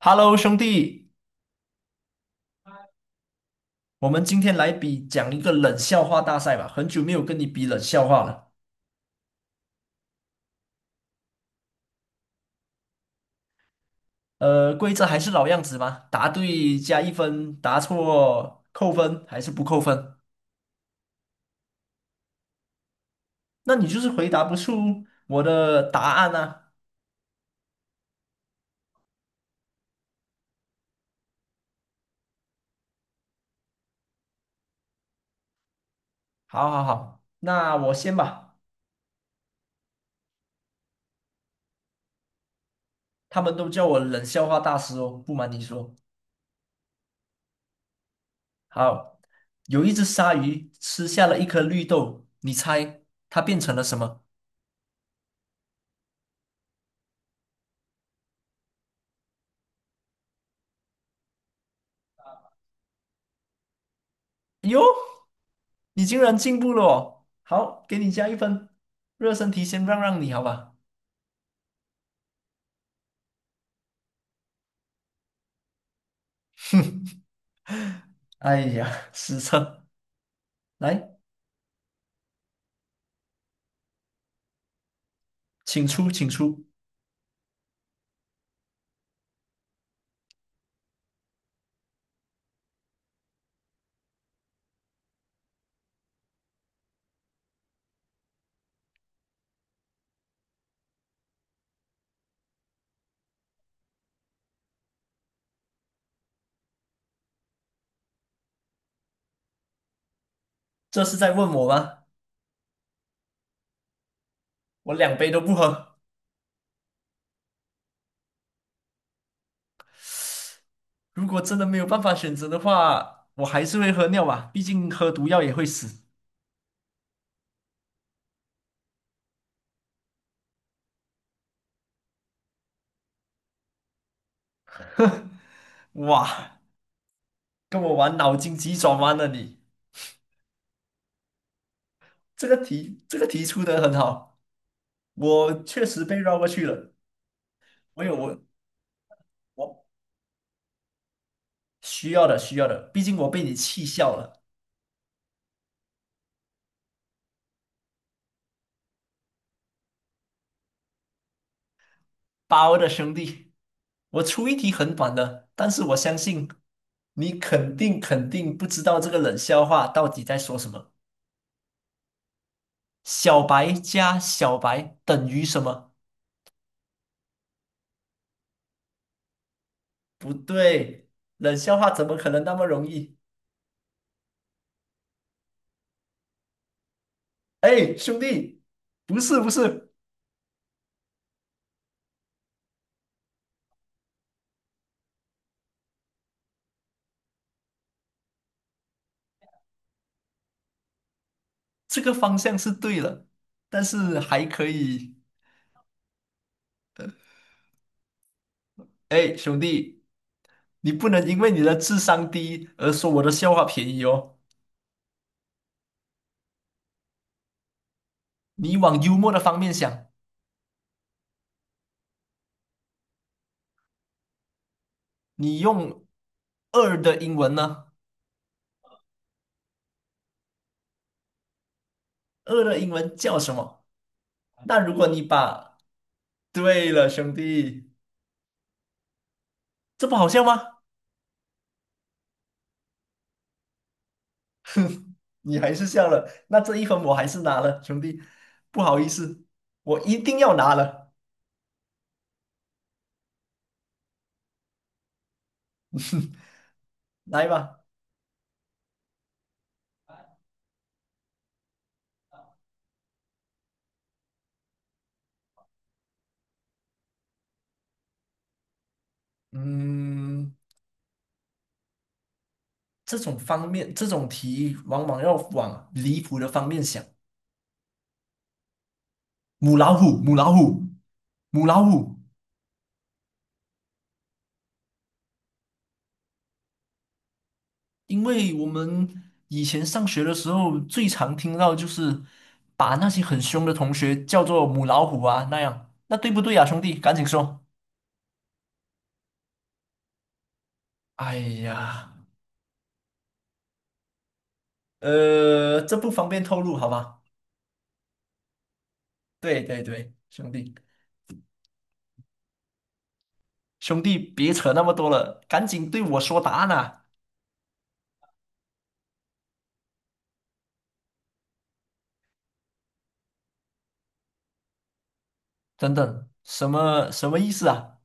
Hello，兄弟，我们今天来比讲一个冷笑话大赛吧。很久没有跟你比冷笑话了。规则还是老样子吗？答对加一分，答错扣分还是不扣分？那你就是回答不出我的答案啊。好好好，那我先吧。他们都叫我冷笑话大师哦，不瞒你说。好，有一只鲨鱼吃下了一颗绿豆，你猜它变成了什么？哟，你竟然进步了哦！好，给你加一分。热身题先让你，好吧？哎呀，失策！来，请出，请出。这是在问我吗？我两杯都不喝。如果真的没有办法选择的话，我还是会喝尿吧，毕竟喝毒药也会死。哇，跟我玩脑筋急转弯了你！这个题出的很好，我确实被绕过去了。我有我我需要的，毕竟我被你气笑了。包的兄弟，我出一题很短的，但是我相信你肯定不知道这个冷笑话到底在说什么。小白加小白等于什么？不对，冷笑话怎么可能那么容易？哎，兄弟，不是，这个方向是对了，但是还可以。哎，兄弟，你不能因为你的智商低而说我的笑话便宜哦，你往幽默的方面想。你用二的英文呢？二的英文叫什么？那如果你把，对了，兄弟，这不好笑吗？你还是笑了，那这一分我还是拿了，兄弟，不好意思，我一定要拿了，来吧，嗯，这种方面，这种题往往要往离谱的方面想，母老虎，母老虎，母老虎。因为我们以前上学的时候，最常听到就是把那些很凶的同学叫做母老虎啊那样，那对不对啊，兄弟？赶紧说。哎呀，这不方便透露，好吧？对对对，兄弟，兄弟，别扯那么多了，赶紧对我说答案啊！等等，什么意思啊？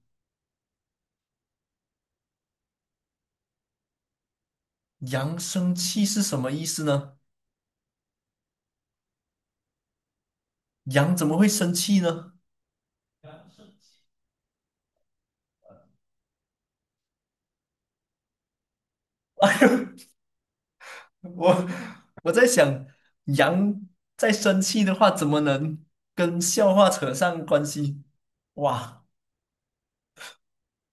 羊生气是什么意思呢？羊怎么会生气呢？我我在想，羊在生气的话，怎么能跟笑话扯上关系？哇，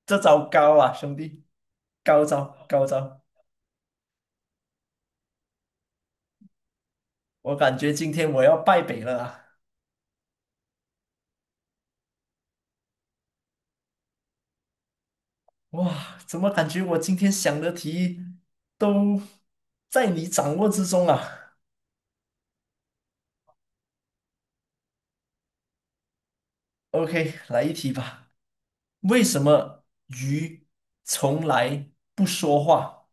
这招高啊，兄弟，高招高招！我感觉今天我要败北了啊！哇，怎么感觉我今天想的题都在你掌握之中啊？OK，来一题吧。为什么鱼从来不说话？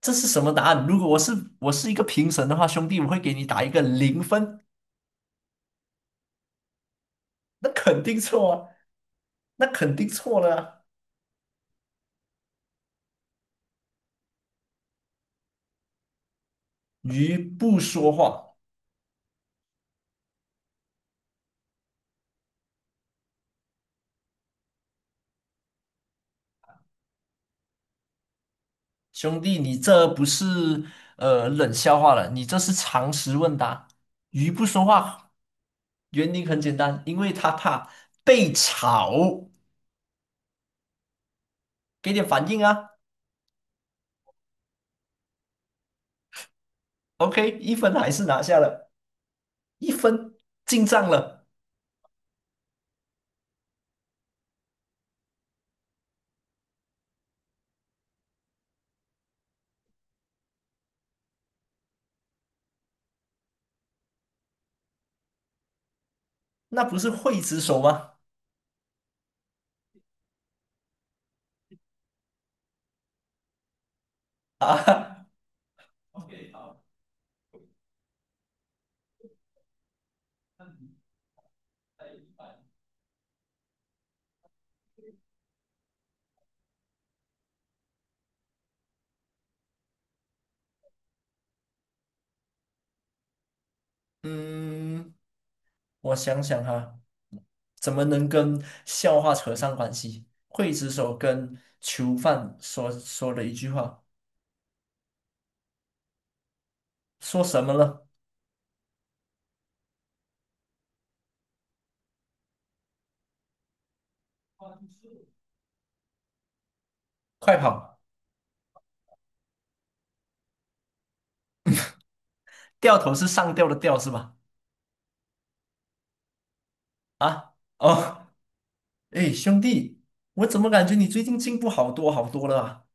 这是什么答案？如果我是一个评审的话，兄弟，我会给你打一个零分，那肯定错啊，那肯定错了啊。鱼不说话，兄弟，你这不是冷笑话了，你这是常识问答。鱼不说话，原因很简单，因为它怕被炒。给点反应啊，OK，一分还是拿下了，一分进账了，那不是刽子手吗？啊，o k 嗯。我想想哈，怎么能跟笑话扯上关系？刽子手跟囚犯说了一句话，说什么了？快跑！掉头是上吊的吊是吧？啊，哦，哎，兄弟，我怎么感觉你最近进步好多了啊？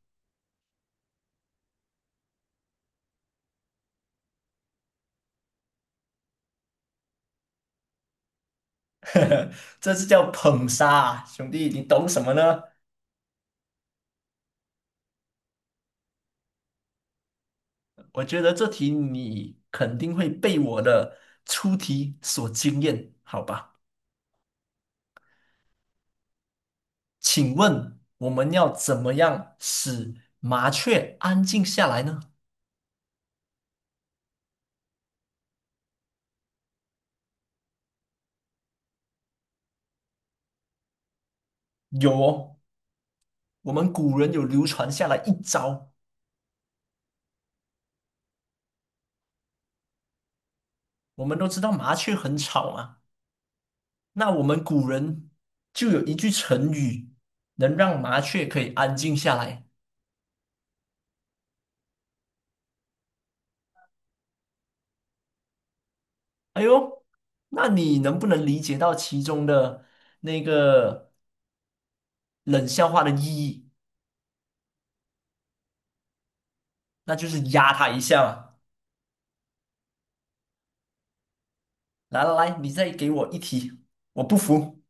这是叫捧杀啊，兄弟，你懂什么呢？我觉得这题你肯定会被我的出题所惊艳，好吧？请问我们要怎么样使麻雀安静下来呢？有哦，我们古人有流传下来一招。我们都知道麻雀很吵嘛，那我们古人就有一句成语，能让麻雀可以安静下来。哎呦，那你能不能理解到其中的那个冷笑话的意义？那就是压他一下嘛。来来来，你再给我一题，我不服。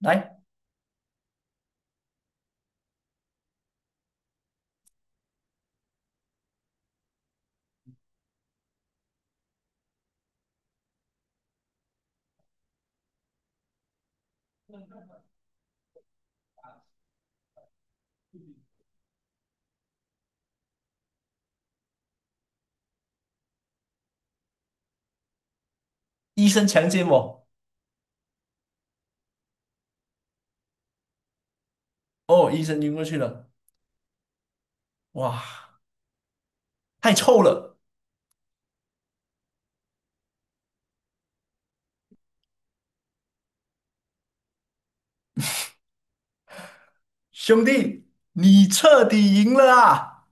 来，医生强奸我。哦，医生晕过去了，哇，太臭了，兄弟，你彻底赢了啊！